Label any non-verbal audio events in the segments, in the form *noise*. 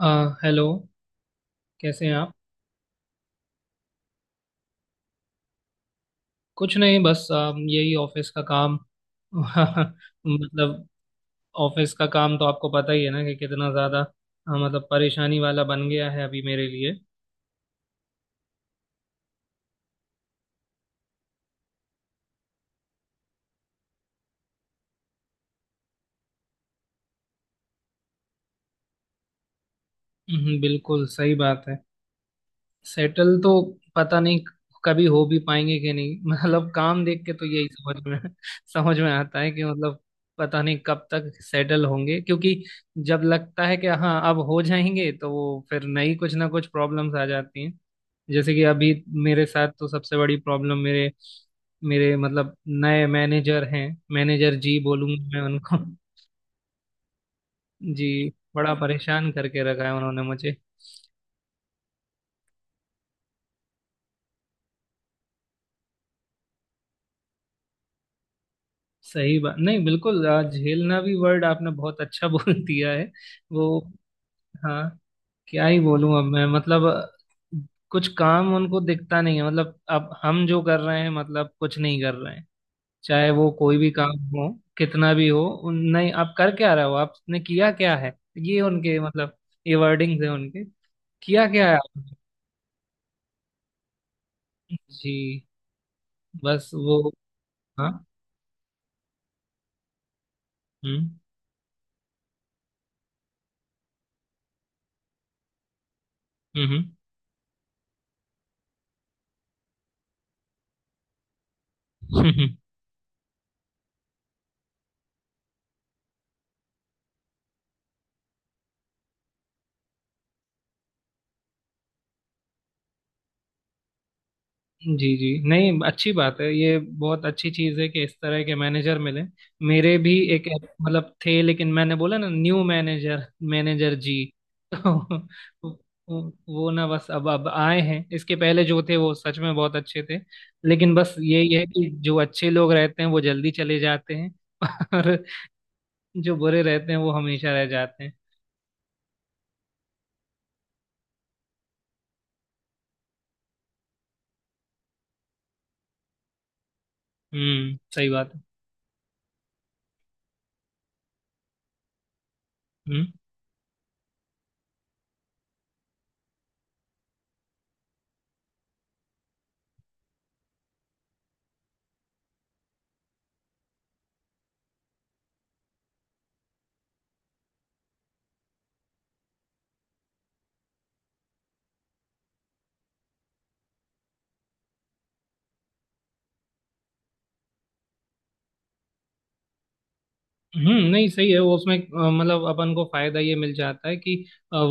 अ, hello. कैसे हैं आप? कुछ नहीं, बस यही ऑफिस का काम। *laughs* मतलब ऑफिस का काम तो आपको पता ही है ना कि कितना ज़्यादा मतलब परेशानी वाला बन गया है अभी मेरे लिए। बिल्कुल सही बात है। सेटल तो पता नहीं कभी हो भी पाएंगे कि नहीं। *laughs* मतलब काम देख के तो यही समझ में *laughs* समझ में आता है कि मतलब पता नहीं कब तक सेटल होंगे, क्योंकि जब लगता है कि हाँ अब हो जाएंगे तो वो फिर नई कुछ ना कुछ प्रॉब्लम्स आ जाती हैं। जैसे कि अभी मेरे साथ तो सबसे बड़ी प्रॉब्लम मेरे मेरे मतलब नए मैनेजर हैं। मैनेजर जी बोलूंगा मैं उनको। *laughs* जी, बड़ा परेशान करके रखा है उन्होंने मुझे। सही बात नहीं बिल्कुल, झेलना भी वर्ड आपने बहुत अच्छा *laughs* बोल दिया है। वो हाँ, क्या ही बोलूं अब मैं, मतलब कुछ काम उनको दिखता नहीं है। मतलब अब हम जो कर रहे हैं, मतलब कुछ नहीं कर रहे हैं, चाहे वो कोई भी काम हो, कितना भी हो। नहीं, आप कर क्या रहे हो, आपने किया क्या है? ये उनके, मतलब ये वर्डिंग्स है उनके। किया क्या है आपने? जी। बस वो हाँ, हम्म हम्म। *laughs* जी जी। नहीं, अच्छी बात है, ये बहुत अच्छी चीज है कि इस तरह के मैनेजर मिले। मेरे भी एक मतलब थे, लेकिन मैंने बोला ना, न्यू मैनेजर, मैनेजर जी। *laughs* तो वो ना, बस अब आए हैं। इसके पहले जो थे वो सच में बहुत अच्छे थे, लेकिन बस यही है कि जो अच्छे लोग रहते हैं वो जल्दी चले जाते हैं *laughs* और जो बुरे रहते हैं वो हमेशा रह जाते हैं। हम्म, सही बात है। हम्म हम्म। नहीं सही है वो, उसमें मतलब अपन को फायदा ये मिल जाता है कि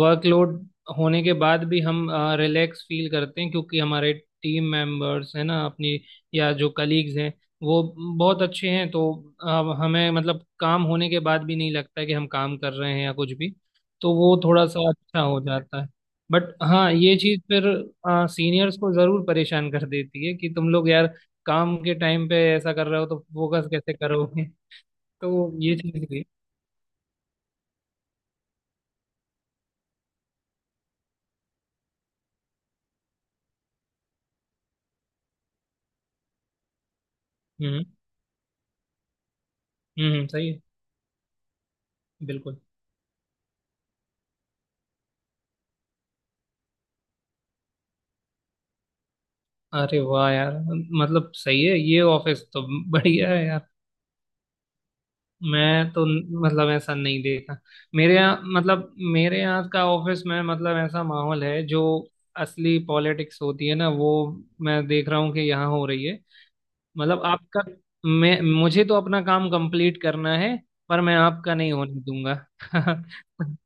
वर्कलोड होने के बाद भी हम रिलैक्स फील करते हैं, क्योंकि हमारे टीम मेंबर्स है ना अपनी, या जो कलीग्स हैं वो बहुत अच्छे हैं। तो हमें मतलब काम होने के बाद भी नहीं लगता है कि हम काम कर रहे हैं या कुछ भी, तो वो थोड़ा सा अच्छा हो जाता है। बट हाँ, ये चीज़ फिर सीनियर्स को ज़रूर परेशान कर देती है कि तुम लोग यार काम के टाइम पे ऐसा कर रहे हो तो फोकस कैसे करोगे। तो ये चीज भी। हम्म हम्म। सही है बिल्कुल। अरे वाह यार, मतलब सही है, ये ऑफिस तो बढ़िया है यार। मैं तो मतलब ऐसा नहीं देखा। मेरे यहाँ, मतलब मेरे यहाँ का ऑफिस में मतलब ऐसा माहौल है जो, असली पॉलिटिक्स होती है ना वो, मैं देख रहा हूँ कि यहाँ हो रही है। मतलब आपका, मैं, मुझे तो अपना काम कंप्लीट करना है, पर मैं आपका नहीं होने दूंगा। *laughs*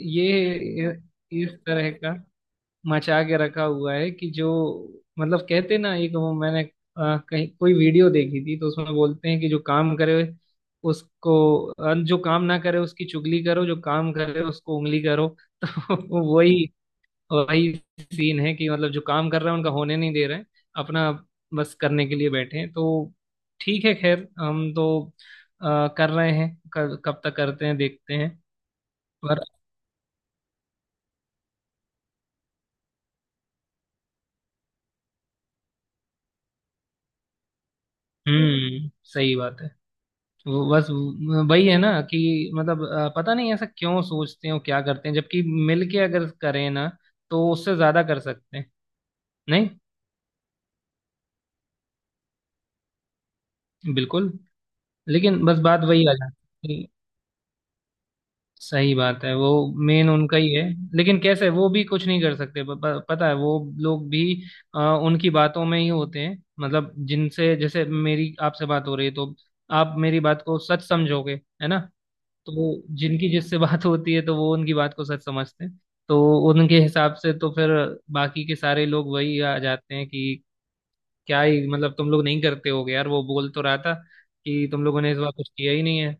ये, इस तरह का मचा के रखा हुआ है कि जो, मतलब कहते ना, एक वो मैंने कहीं कोई वीडियो देखी थी, तो उसमें बोलते हैं कि जो काम करे उसको, जो काम ना करे उसकी चुगली करो, जो काम करे उसको उंगली करो। *laughs* तो वही वही सीन है कि मतलब जो काम कर रहे हैं उनका होने नहीं दे रहे हैं। अपना बस करने के लिए बैठे हैं। तो ठीक है, खैर हम तो कर रहे हैं, कब कब तक करते हैं देखते हैं। पर हम्म, सही बात है। वो बस वही है ना कि मतलब पता नहीं ऐसा क्यों सोचते हैं और क्या करते हैं, जबकि मिलके अगर करें ना तो उससे ज्यादा कर सकते हैं। नहीं बिल्कुल। लेकिन बस बात वही आ जाती है कि सही बात है वो, मेन उनका ही है। लेकिन कैसे, वो भी कुछ नहीं कर सकते। प, प, पता है, वो लोग भी अ, उनकी बातों में ही होते हैं। मतलब जिनसे, जैसे मेरी आपसे बात हो रही है तो आप मेरी बात को सच समझोगे है ना। तो जिनकी जिससे बात *laughs* होती है तो वो उनकी बात को सच समझते हैं। तो उनके हिसाब से तो फिर बाकी के सारे लोग वही आ जाते हैं कि क्या ही, मतलब तुम लोग नहीं करते होगे, यार वो बोल तो रहा था कि तुम लोगों ने इस बार कुछ किया ही नहीं है।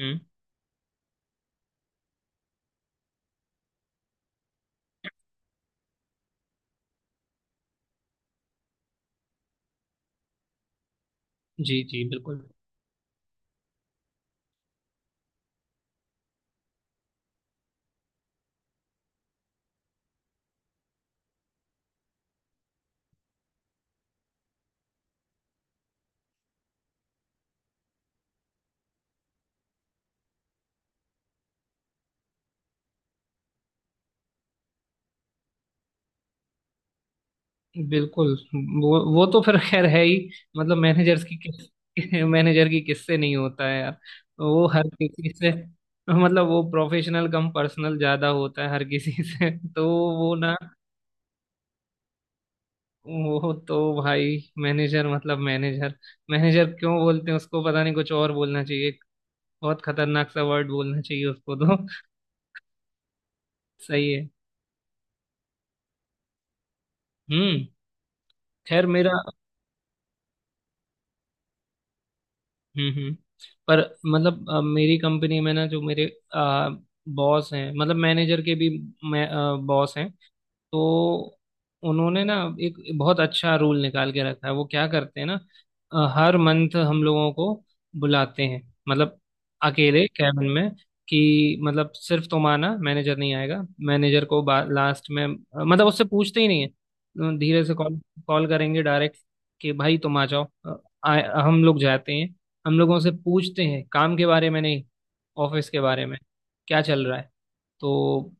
हम्म। जी जी, बिल्कुल बिल्कुल। वो तो फिर खैर है ही। मतलब मैनेजर्स की किस *laughs* मैनेजर की किससे नहीं होता है यार। वो हर किसी से, मतलब वो प्रोफेशनल कम पर्सनल ज्यादा होता है हर किसी से। *laughs* तो वो ना, वो तो भाई, मैनेजर मतलब मैनेजर। मैनेजर क्यों बोलते हैं उसको, पता नहीं, कुछ और बोलना चाहिए। बहुत खतरनाक सा वर्ड बोलना चाहिए उसको तो। *laughs* सही है। हम्म। खैर मेरा, हम्म, पर मतलब मेरी कंपनी में ना, जो मेरे बॉस हैं, मतलब मैनेजर के भी मैं बॉस हैं, तो उन्होंने ना एक बहुत अच्छा रूल निकाल के रखा है। वो क्या करते हैं ना, हर मंथ हम लोगों को बुलाते हैं, मतलब अकेले कैबिन में, कि मतलब सिर्फ तुम आना, मैनेजर नहीं आएगा। मैनेजर को लास्ट में, मतलब उससे पूछते ही नहीं है। धीरे से कॉल कॉल करेंगे डायरेक्ट कि भाई तुम आ जाओ। हम लोग जाते हैं, हम लोगों से पूछते हैं काम के बारे में नहीं, ऑफिस के बारे में, क्या चल रहा है। तो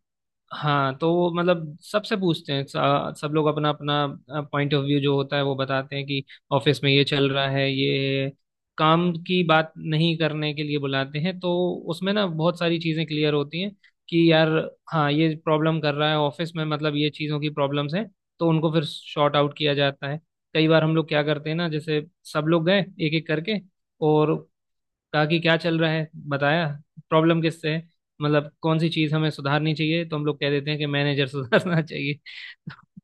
हाँ, तो वो मतलब सबसे पूछते हैं। सब लोग अपना अपना पॉइंट ऑफ व्यू जो होता है वो बताते हैं कि ऑफिस में ये चल रहा है, ये काम की बात नहीं करने के लिए बुलाते हैं, तो उसमें ना बहुत सारी चीज़ें क्लियर होती हैं कि यार हाँ, ये प्रॉब्लम कर रहा है ऑफिस में, मतलब ये चीज़ों की प्रॉब्लम्स हैं। तो उनको फिर शॉर्ट आउट किया जाता है। कई बार हम लोग क्या करते हैं ना, जैसे सब लोग गए एक एक करके और कहा कि क्या चल रहा है, बताया प्रॉब्लम किससे है, मतलब कौन सी चीज हमें सुधारनी चाहिए, तो हम लोग कह देते हैं कि मैनेजर सुधारना चाहिए। *laughs*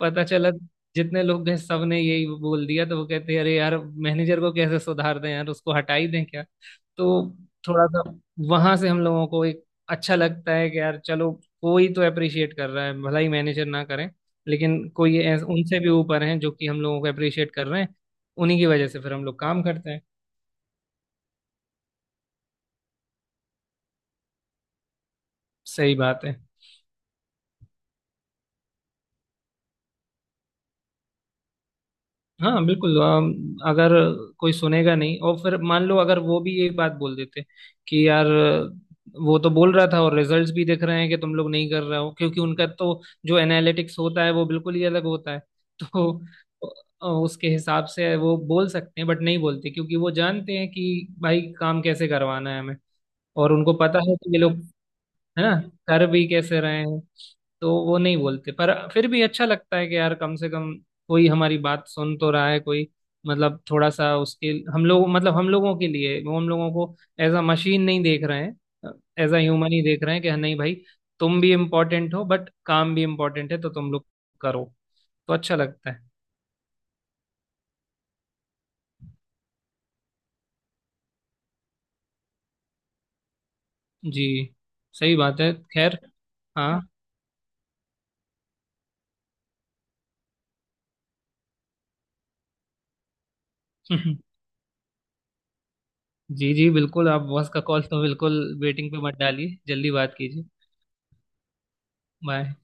पता चला जितने लोग गए सबने यही बोल दिया, तो वो कहते हैं अरे यार मैनेजर को कैसे सुधार दें यार, उसको हटा ही दें क्या? तो थोड़ा सा वहां से हम लोगों को एक अच्छा लगता है कि यार चलो, कोई तो अप्रिशिएट कर रहा है, भला ही मैनेजर ना करें, लेकिन कोई उनसे भी ऊपर हैं जो कि हम लोगों को अप्रिशिएट कर रहे हैं, उन्हीं की वजह से फिर हम लोग काम करते हैं। सही बात है। हाँ बिल्कुल, अगर कोई सुनेगा नहीं और फिर मान लो अगर वो भी यही बात बोल देते कि यार वो तो बोल रहा था और रिजल्ट्स भी दिख रहे हैं कि तुम लोग नहीं कर रहे हो, क्योंकि उनका तो जो एनालिटिक्स होता है वो बिल्कुल ही अलग होता है। *laughs* तो उसके हिसाब से वो बोल सकते हैं, बट नहीं बोलते, क्योंकि वो जानते हैं कि भाई काम कैसे करवाना है हमें, और उनको पता है कि ये लोग, है ना, कर भी कैसे रहे हैं। तो वो नहीं बोलते, पर फिर भी अच्छा लगता है कि यार कम से कम कोई हमारी बात सुन तो रहा है, कोई मतलब थोड़ा सा उसके, हम लोग मतलब हम लोगों के लिए, वो हम लोगों को एज अ मशीन नहीं देख रहे हैं, एज अ ह्यूमन ही देख रहे हैं कि हाँ, नहीं भाई, तुम भी इम्पोर्टेंट हो बट काम भी इम्पोर्टेंट है, तो तुम लोग करो। तो अच्छा लगता है। जी। सही बात है, खैर। हाँ। *laughs* जी जी बिल्कुल, आप बॉस का कॉल तो बिल्कुल वेटिंग पे मत डालिए, जल्दी बात कीजिए। बाय।